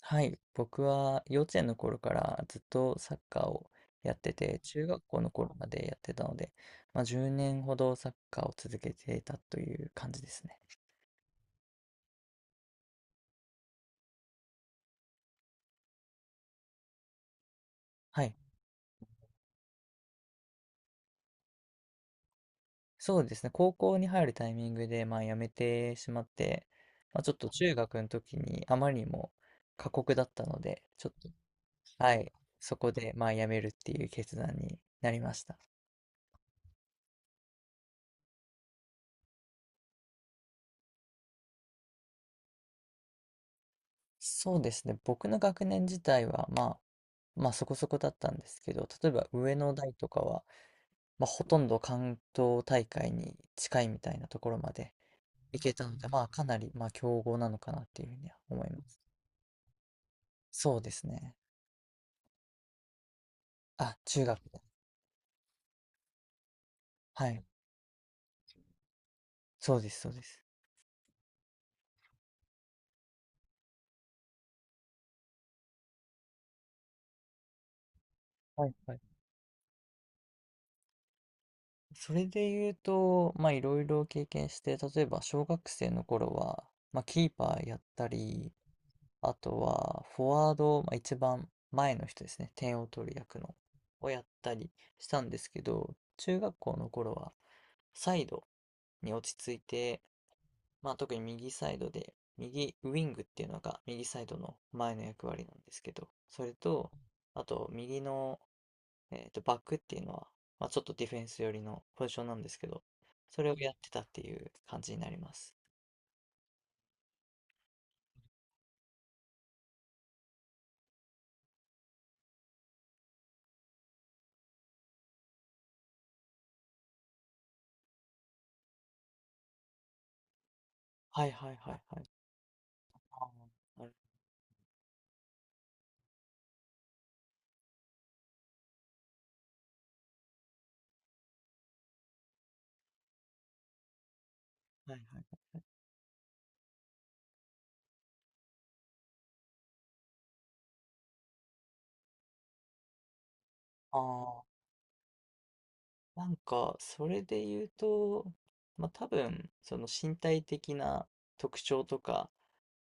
はい、僕は幼稚園の頃からずっとサッカーをやってて、中学校の頃までやってたので、まあ、10年ほどサッカーを続けていたという感じですね。はい、そうですね、高校に入るタイミングで、まあ、辞めてしまって、まあ、ちょっと中学の時にあまりにも過酷だったので、ちょっと、はい、そこでまあ辞めるっていう決断になりました。そうですね。僕の学年自体は、まあ、まあそこそこだったんですけど、例えば上の代とかは、まあほとんど関東大会に近いみたいなところまで行けたので、まあかなり、まあ強豪なのかなっていうふうには思います。そうですね。あ、中学で。はい。そうです、そうです。はい、はい。それで言うと、まあいろいろ経験して、例えば小学生の頃は、まあキーパーやったり、あとは、フォワード、まあ、一番前の人ですね、点を取る役の、をやったりしたんですけど、中学校の頃は、サイドに落ち着いて、まあ、特に右サイドで、右ウィングっていうのが右サイドの前の役割なんですけど、それと、あと、右の、バックっていうのは、まあ、ちょっとディフェンス寄りのポジションなんですけど、それをやってたっていう感じになります。はいはいはいはい。ああ、なるはいはい。あなんか、それで言うと、まあ、多分、その身体的な特徴とか、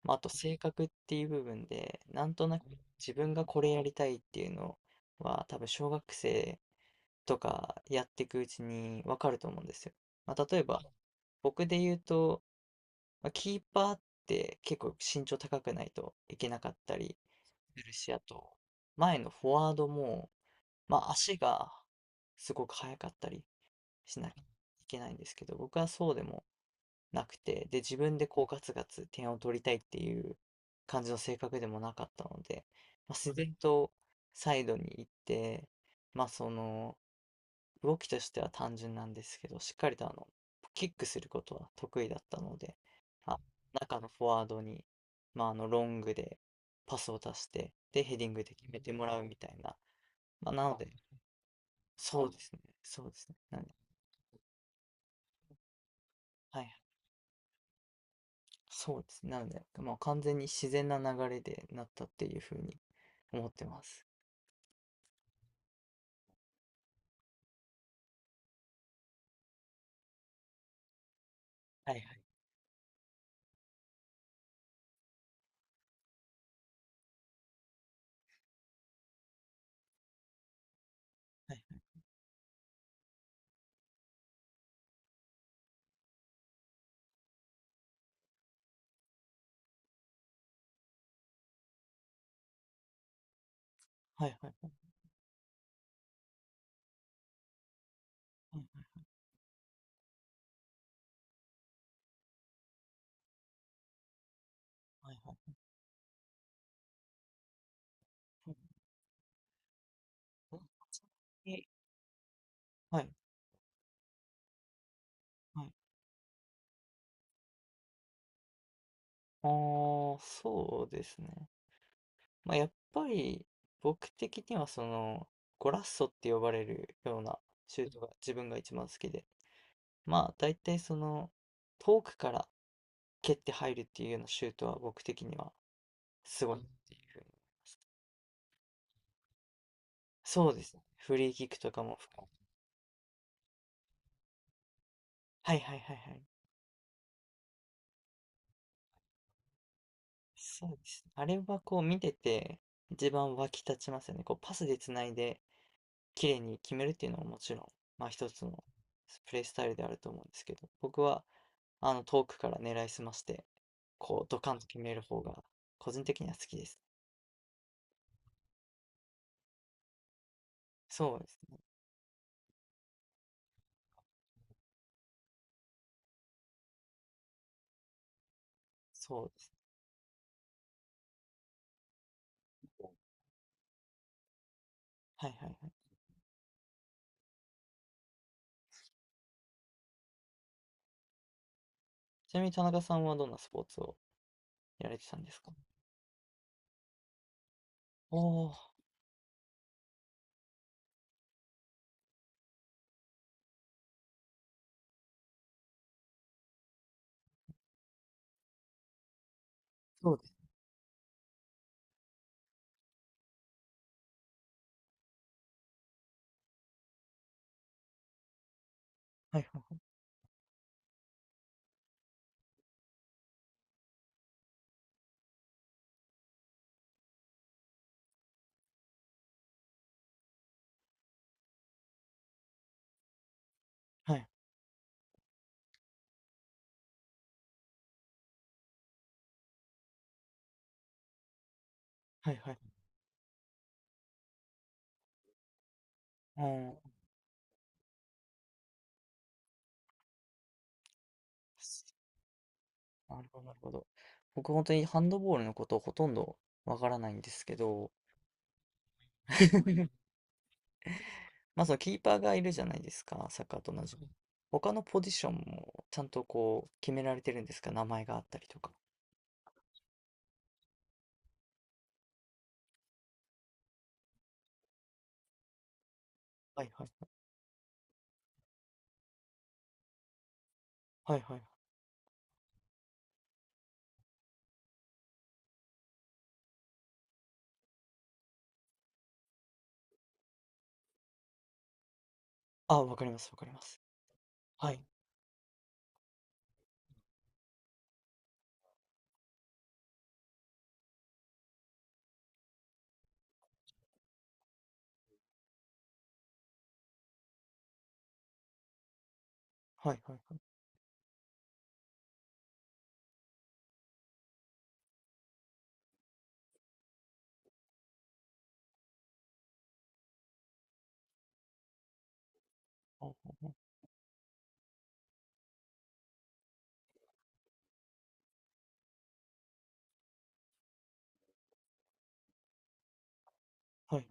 まあ、あと性格っていう部分で、なんとなく自分がこれやりたいっていうのは、多分小学生とかやっていくうちにわかると思うんですよ。まあ、例えば、僕で言うと、まあ、キーパーって結構身長高くないといけなかったりするし、あと、前のフォワードも、まあ、足がすごく速かったりしなきゃいけないんですけど、僕はそうでもなくて、で、自分でこうガツガツ点を取りたいっていう感じの性格でもなかったので、まあ、自然とサイドに行って、まあその、動きとしては単純なんですけど、しっかりとあの、キックすることは得意だったので、まあ、中のフォワードに、まああの、ロングでパスを出して、で、ヘディングで決めてもらうみたいな、まあ、なので、そうですね。なんで、はいそうですね。なので、まあ、完全に自然な流れでなったっていうふうに思ってます。はいはいはいはい。はいはいはい。はいはいはいはい。えはいはい。ああ、そうですね。まあ、やっぱり僕的にはそのゴラッソって呼ばれるようなシュートが自分が一番好きで、まあ大体その遠くから蹴って入るっていうようなシュートは僕的にはすごいなっていうふうに。そうですね。フリーキックとかも含はいはいはいはい。そうですね。あれはこう見てて一番湧き立ちますよね。こうパスでつないで綺麗に決めるっていうのはもちろん、まあ一つのプレースタイルであると思うんですけど、僕はあの遠くから狙いすまして、こうドカンと決める方が個人的には好きですね。そうですね。そうですね。はいはいはい。ちなみに田中さんはどんなスポーツをやられてたんですか？おおー、そうです。はいはいはい。はいはいはい。はい。なるほど、なるほど。僕本当にハンドボールのことほとんどわからないんですけど、まあそのキーパーがいるじゃないですか、サッカーと同じく。他のポジションもちゃんとこう決められてるんですか、名前があったりとか。はいはいはい。はいはい。あ、わかります。はい。はいはいはい。あああはい。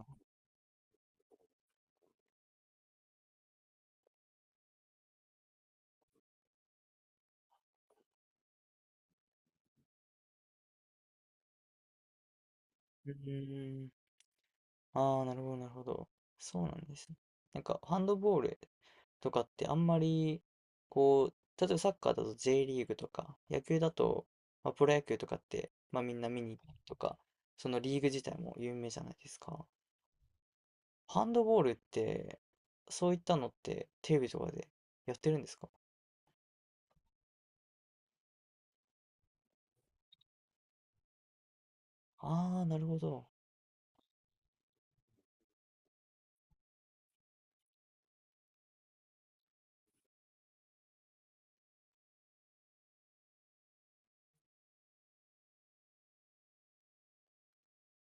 うーん。ああ、なるほど、なるほど。そうなんですね。なんか、ハンドボールとかってあんまり、こう、例えばサッカーだと J リーグとか、野球だと、まあ、プロ野球とかって、まあみんな見に行ったりとか、そのリーグ自体も有名じゃないですか。ハンドボールって、そういったのってテレビとかでやってるんですか？ああー、なるほど。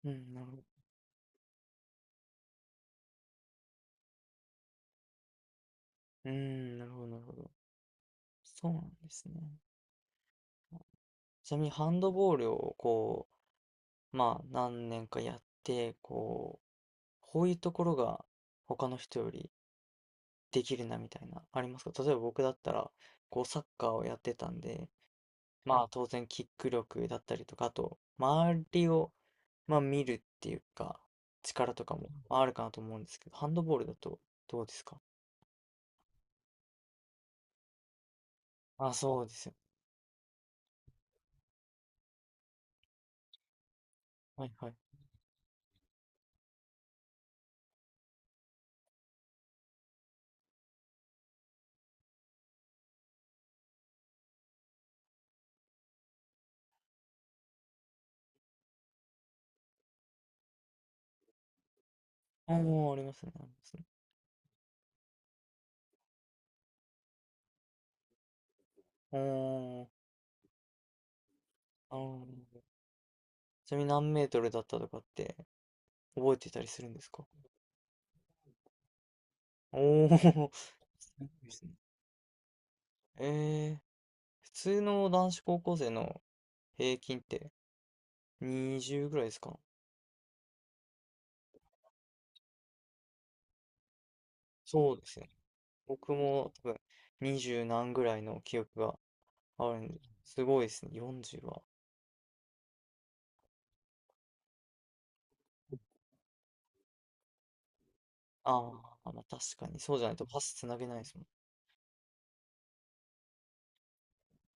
うん、なるほど。うーん、なるほど、なるほど。そうなんですね。ちなみにハンドボールをこまあ、何年かやって、こう、こういうところが他の人よりできるなみたいな、ありますか？例えば僕だったら、こう、サッカーをやってたんで、まあ、当然、キック力だったりとか、あと、周りを、まあ、見るっていうか、力とかもあるかなと思うんですけど、ハンドボールだとどうですか？あ、あ、そうですよ。はいはい。おー、ありますね。おー、あーちなみに何メートルだったとかって覚えてたりするんですか？おお。すごいですね。ええ、普通の男子高校生の平均って20ぐらいですか？そうですよね。僕も多分20何ぐらいの記憶があるんで、すごいですね、40は。ああ、ま、確かにそうじゃないとパスつなげないですもん。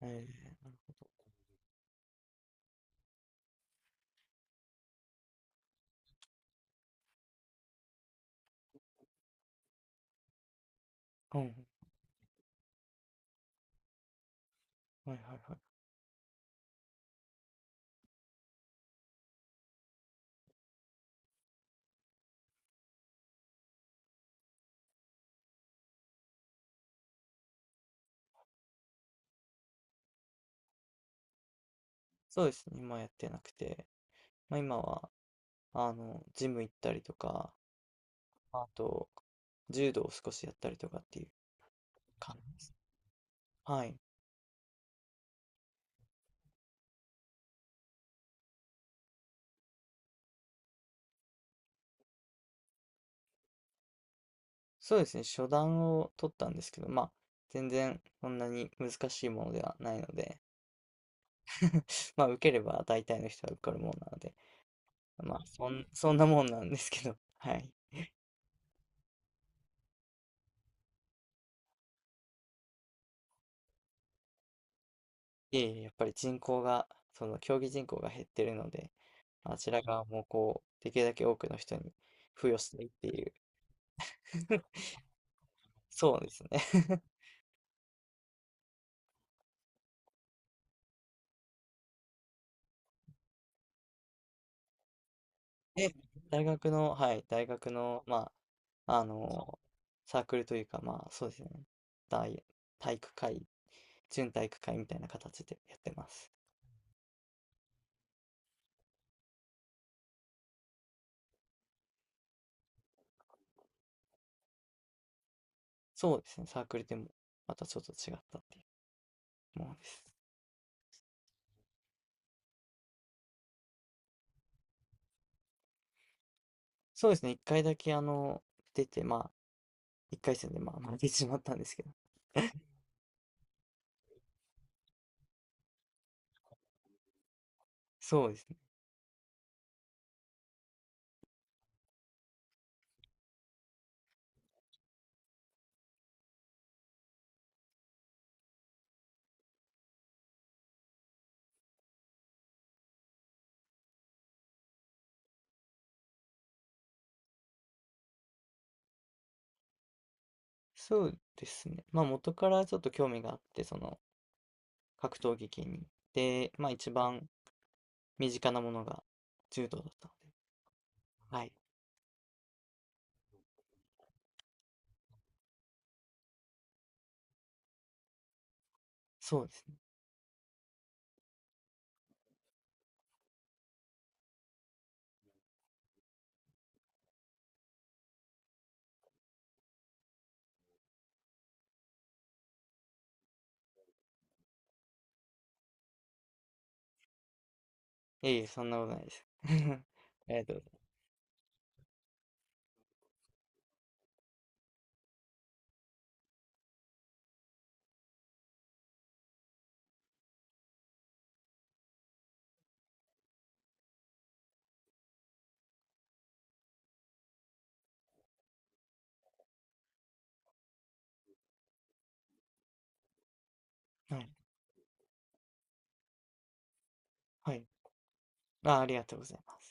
ええ、なるほど。うん、はいはいはい。そうですね、今やってなくて、ま、今はあの、ジム行ったりとか、あと、柔道を少しやったりとかっていう感じです。はい。そうですね、初段を取ったんですけど、まあ、全然そんなに難しいものではないので、まあ、受ければ大体の人は受かるものなので、まあ、そんなもんなんですけど、はい。いえいえ、やっぱり人口が、その競技人口が減ってるので、あちら側もこう、できるだけ多くの人に付与したいっていう、そうですね。で、大学の、はい、大学の、まあ、あの、サークルというか、まあ、そうですね、大、体育会準体育会みたいな形でやってます。そうですね、サークルでもまたちょっと違ったっていうものです。そうですね、一回だけあの、出て、まあ、一回戦でまあ負けてしまったんですけど、そうですね、そうですね、まあ元からちょっと興味があって、その格闘技系に。で、まあ一番身近なものが柔道だったので、はい、そうですね。いえいえ、そんなことないです。ありがとうございます。はい、はい、あ、ありがとうございます。